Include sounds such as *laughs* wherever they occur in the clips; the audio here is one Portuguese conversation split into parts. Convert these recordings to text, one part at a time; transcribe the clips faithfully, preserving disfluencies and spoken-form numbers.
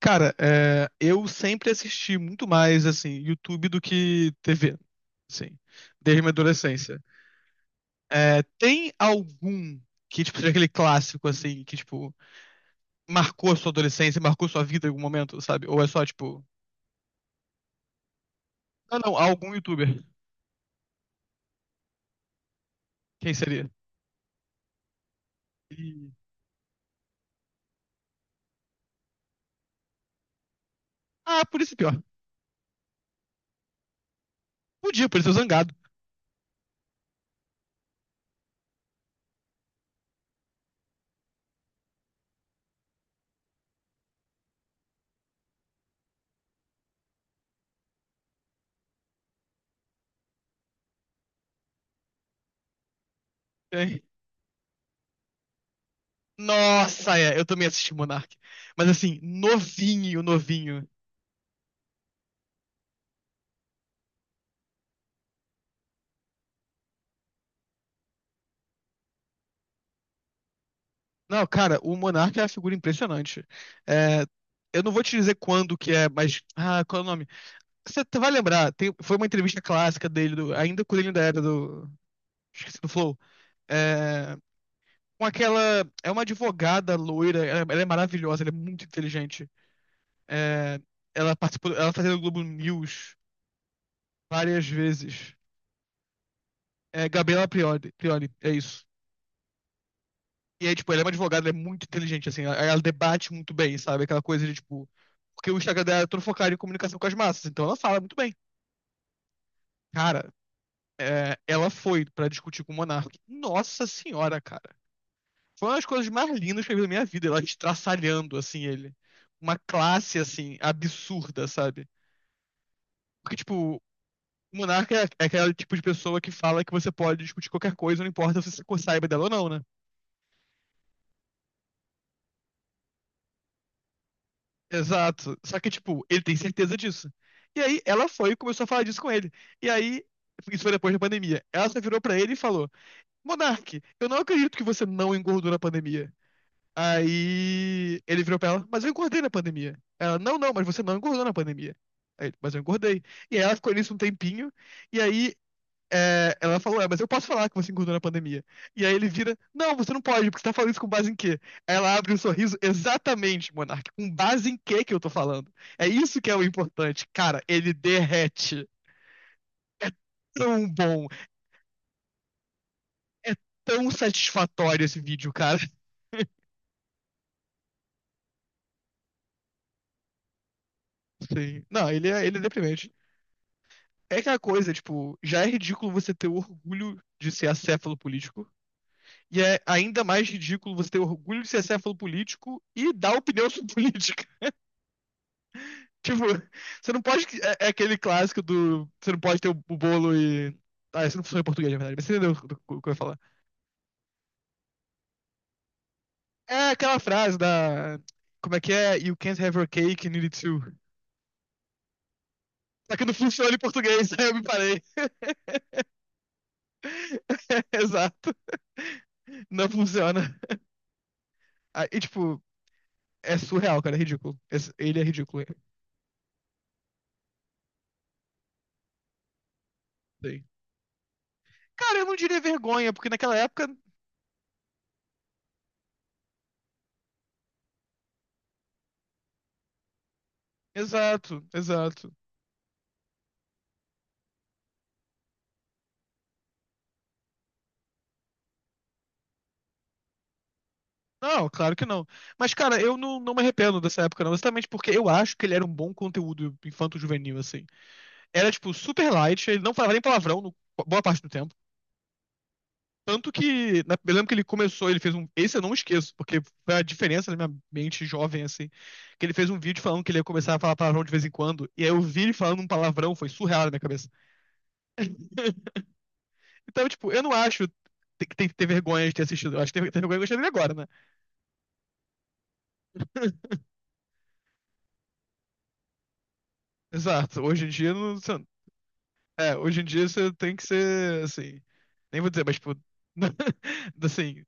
Cara, é, eu sempre assisti muito mais, assim, YouTube do que T V, assim, desde minha adolescência. É, tem algum que, tipo, seja aquele clássico, assim, que, tipo, marcou a sua adolescência, marcou sua vida em algum momento, sabe? Ou é só, tipo, não, não, algum YouTuber. Quem seria? E- Ah, por isso é pior. Podia, por isso é Zangado. Tem. Nossa, é, eu também assisti Monark. Mas, assim, novinho, novinho. Não, cara, o Monarca é uma figura impressionante. É, eu não vou te dizer quando que é, mas. Ah, qual é o nome? Você t- vai lembrar, tem- foi uma entrevista clássica dele, do- ainda quando ele ainda era do. Esqueci do Flow. É, com aquela. É uma advogada loira, ela, ela é maravilhosa, ela é muito inteligente. É, ela participou, ela fazia o Globo News várias vezes. É, Gabriela Prioli, Prioli, é isso. E aí, tipo, ele é uma advogada, ela é muito inteligente, assim, ela, ela debate muito bem, sabe? Aquela coisa de, tipo, porque o Instagram dela é todo focado em comunicação com as massas, então ela fala muito bem. Cara, é, ela foi pra discutir com o Monark. Nossa senhora, cara. Foi uma das coisas mais lindas que eu vi na minha vida, ela estraçalhando, assim, ele. Uma classe, assim, absurda, sabe? Porque, tipo, o Monark é, é aquele tipo de pessoa que fala que você pode discutir qualquer coisa, não importa se você saiba dela ou não, né? Exato. Só que, tipo, ele tem certeza disso. E aí ela foi e começou a falar disso com ele. E aí, isso foi depois da pandemia. Ela só virou pra ele e falou: Monark, eu não acredito que você não engordou na pandemia. Aí ele virou pra ela, mas eu engordei na pandemia. Ela, não, não, mas você não engordou na pandemia. Aí ele, mas eu engordei. E aí ela ficou nisso um tempinho. E aí é, ela falou, é, mas eu posso falar que você engordou na pandemia. E aí ele vira, não, você não pode, porque você tá falando isso com base em quê? Aí ela abre um sorriso, exatamente, Monark, com base em quê que eu tô falando? É isso que é o importante. Cara, ele derrete. Tão bom. É tão satisfatório esse vídeo, cara. *laughs* Sim. Não, ele é, ele é deprimente. É aquela coisa, tipo, já é ridículo você ter orgulho de ser acéfalo político. E é ainda mais ridículo você ter orgulho de ser acéfalo político e dar opinião sobre *laughs* política. *laughs* Tipo, você não pode. É, é aquele clássico do. Você não pode ter o, o bolo e. Ah, isso não funciona em português, na verdade, mas você entendeu o que o que eu ia falar. É aquela frase da. Como é que é? You can't have your cake and eat it too. Só que não funciona em português, *laughs* aí eu me parei. *laughs* Exato. Não funciona. Ah, E, tipo, é surreal, cara, é ridículo. Esse- Ele é ridículo. É. Sim. Cara, eu não diria vergonha, porque naquela época. Exato, exato. Não, claro que não. Mas, cara, eu não, não me arrependo dessa época, não. Exatamente porque eu acho que ele era um bom conteúdo infanto-juvenil, assim. Era, tipo, super light, ele não falava nem palavrão no- boa parte do tempo. Tanto que, na, eu lembro que ele começou, ele fez um. Esse eu não esqueço, porque foi a diferença na minha mente jovem, assim. Que ele fez um vídeo falando que ele ia começar a falar palavrão de vez em quando. E aí eu vi ele falando um palavrão, foi surreal na minha cabeça. *laughs* Então, tipo, eu não acho que tem que ter vergonha de ter assistido. Eu acho que tem que ter vergonha de gostar dele agora, né? *laughs* Exato. Hoje em dia, não. É, hoje em dia você tem que ser, assim, nem vou dizer, mas tipo, *laughs* assim,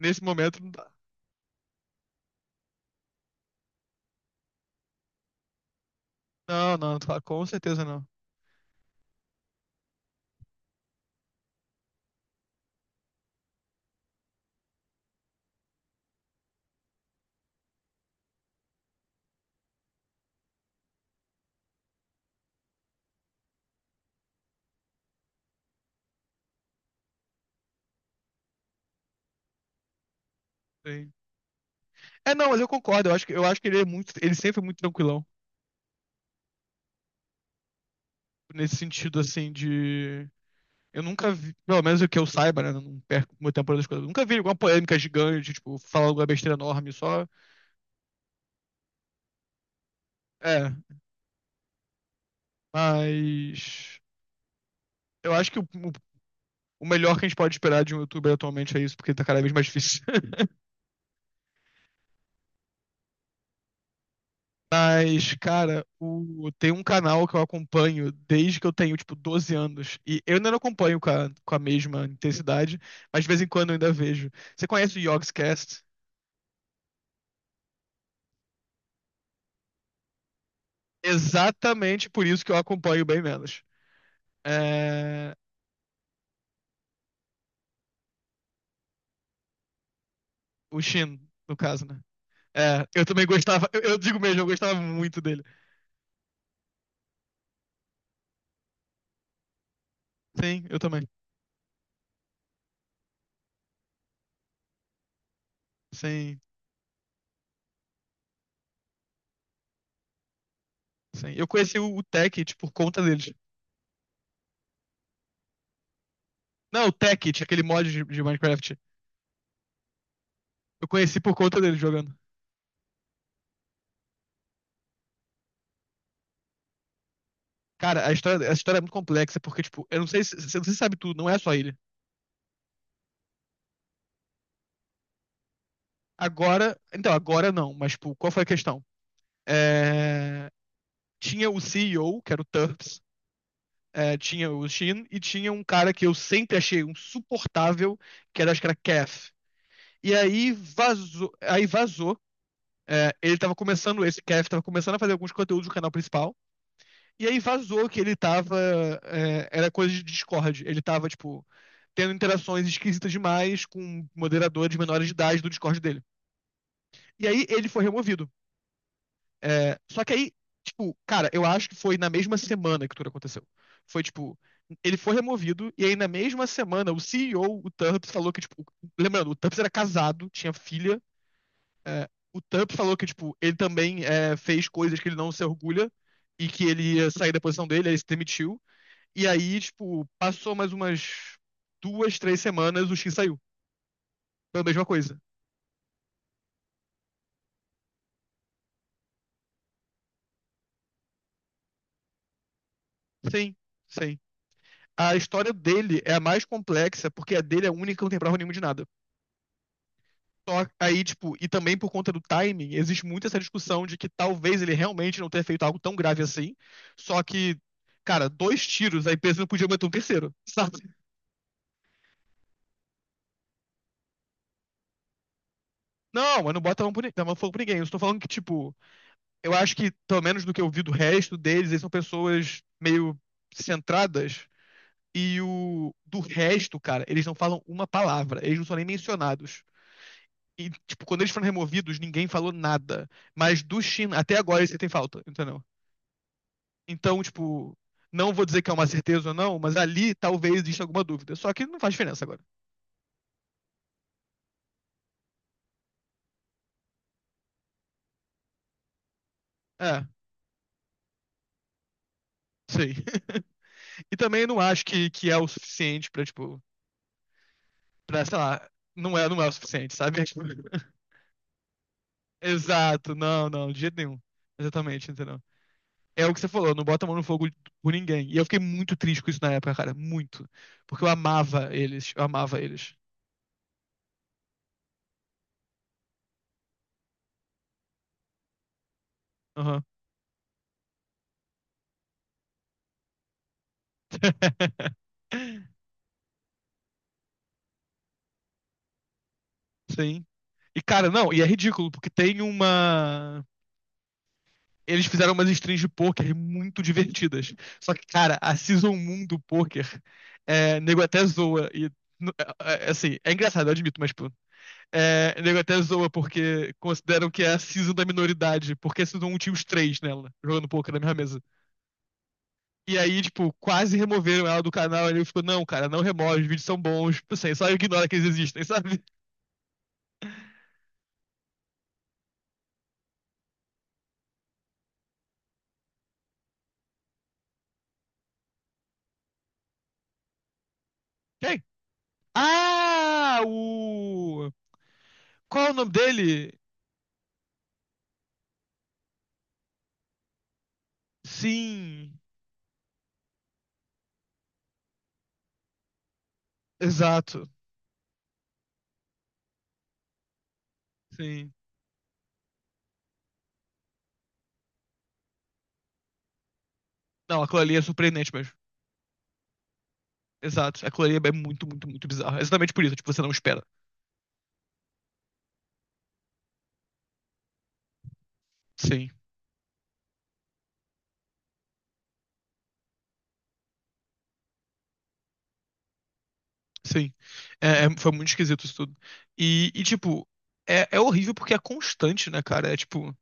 nesse momento não dá. Não, não, tá- com certeza não. Sim. É, não, mas eu concordo, eu acho que, eu acho que ele é muito, ele sempre foi muito tranquilão, nesse sentido, assim, de... Eu nunca vi, pelo menos o que eu saiba, né, não perco meu tempo das coisas, eu nunca vi alguma polêmica gigante, tipo, falar alguma besteira enorme, só... É, mas... Eu acho que o, o o melhor que a gente pode esperar de um youtuber atualmente é isso, porque tá cada vez mais difícil. Mas, cara, o... tem um canal que eu acompanho desde que eu tenho, tipo, doze anos. E eu ainda não acompanho com a, com a mesma intensidade, mas de vez em quando eu ainda vejo. Você conhece o Yogscast? Exatamente por isso que eu acompanho bem menos. É... O Shin, no caso, né? É, eu também gostava, eu, eu digo mesmo, eu gostava muito dele. Sim, eu também. Sim, sim. Eu conheci o, o Tekkit por conta deles. Não, o Tekkit, aquele mod de, de Minecraft. Eu conheci por conta dele jogando. Cara, a história, essa história é muito complexa, porque, tipo, eu não sei se você sabe tudo, não é só ele. Agora, então, agora não, mas, tipo, qual foi a questão? É, tinha o C E O, que era o Turps, é, tinha o Shin, e tinha um cara que eu sempre achei insuportável, que era, acho que era Kef. E aí vazou, aí vazou, é, ele tava começando, esse Kef tava começando a fazer alguns conteúdos do canal principal. E aí vazou que ele tava. É, era coisa de Discord. Ele tava, tipo, tendo interações esquisitas demais com moderadores menores de idade do Discord dele. E aí ele foi removido. É, só que aí, tipo, cara, eu acho que foi na mesma semana que tudo aconteceu. Foi, tipo, ele foi removido, e aí na mesma semana o C E O, o o Turps, falou que, tipo. Lembrando, o Turps era casado, tinha filha. É, o Turps falou que, tipo, ele também é, fez coisas que ele não se orgulha e que ele ia sair da posição dele, aí ele se demitiu. E aí, tipo, passou mais umas duas, três semanas, o X saiu. Foi a mesma coisa. Sim, sim. A história dele é a mais complexa, porque a dele é a única que não tem prova nenhuma de nada. Só aí, tipo, e também por conta do timing, existe muito essa discussão de que talvez ele realmente não tenha feito algo tão grave assim. Só que, cara, dois tiros, a empresa não podia meter um terceiro, *laughs* sabe? Não, mas não bota a mão, por, ni- a mão fogo pra ninguém. Eu estou falando que, tipo, eu acho que, pelo menos do que eu vi do resto deles, eles são pessoas meio centradas. E o do resto, cara, eles não falam uma palavra, eles não são nem mencionados. E, tipo, quando eles foram removidos, ninguém falou nada. Mas do Shin, até agora você tem falta, entendeu? Então, tipo, não vou dizer que é uma certeza ou não, mas ali talvez exista alguma dúvida. Só que não faz diferença agora. É, sei. *laughs* E também não acho que, que é o suficiente pra, tipo, pra, sei lá, não é, não é o suficiente, sabe? *laughs* Exato, não, não, de jeito nenhum. Exatamente, entendeu? É o que você falou, não bota a mão no fogo por ninguém. E eu fiquei muito triste com isso na época, cara. Muito. Porque eu amava eles. Eu amava eles. Aham. *laughs* Sim. E, cara, não, e é ridículo, porque tem uma. Eles fizeram umas strings de pôquer muito divertidas. Só que, cara, a Season um do pôquer, é, nego até zoa. E, n- é, é, é, assim, é engraçado, eu admito, mas, tipo, é, nego até zoa porque consideram que é a Season da minoridade, porque a Season um tinha os três nela, jogando pôquer na mesma mesa. E aí, tipo, quase removeram ela do canal. Ele ficou, não, cara, não remove, os vídeos são bons. Tipo assim, só ignora que eles existem, *laughs* sabe? Quem? Ah, o. Qual é o nome dele? Sim, exato. Sim. Não, aquilo ali é surpreendente mesmo. Exato. Aquilo ali é muito, muito, muito bizarro. É exatamente por isso, tipo, você não espera. Sim, sim. É, é- foi muito esquisito isso tudo. E, e, tipo, é, é horrível porque é constante, né, cara? É tipo.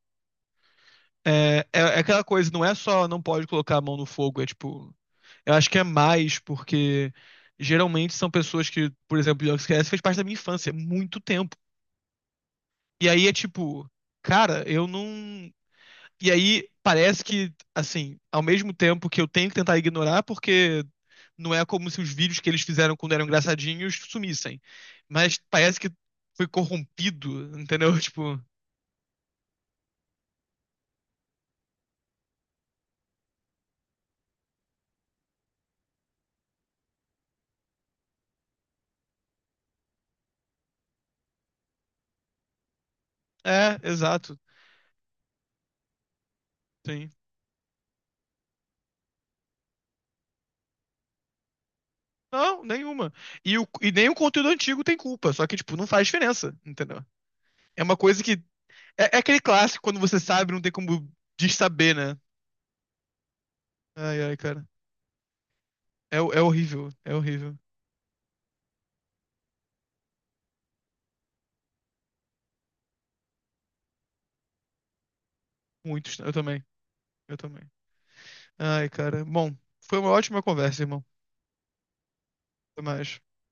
É, é, é aquela coisa, não é só não pode colocar a mão no fogo, é tipo. Eu acho que é mais porque geralmente são pessoas que, por exemplo, o Yogscast fez parte da minha infância, é muito tempo. E aí é tipo, cara, eu não. E aí parece que, assim, ao mesmo tempo que eu tenho que tentar ignorar, porque não é como se os vídeos que eles fizeram quando eram engraçadinhos sumissem. Mas parece que foi corrompido, entendeu? *laughs* Tipo, é, exato, sim. Não, nenhuma. E, o, e nem o conteúdo antigo tem culpa, só que, tipo, não faz diferença, entendeu? É uma coisa que É, é aquele clássico, quando você sabe, não tem como dessaber, né? Ai, ai, cara. É, é horrível, é horrível. Muitos, eu também, eu também. Ai, cara. Bom, foi uma ótima conversa, irmão. Até mais.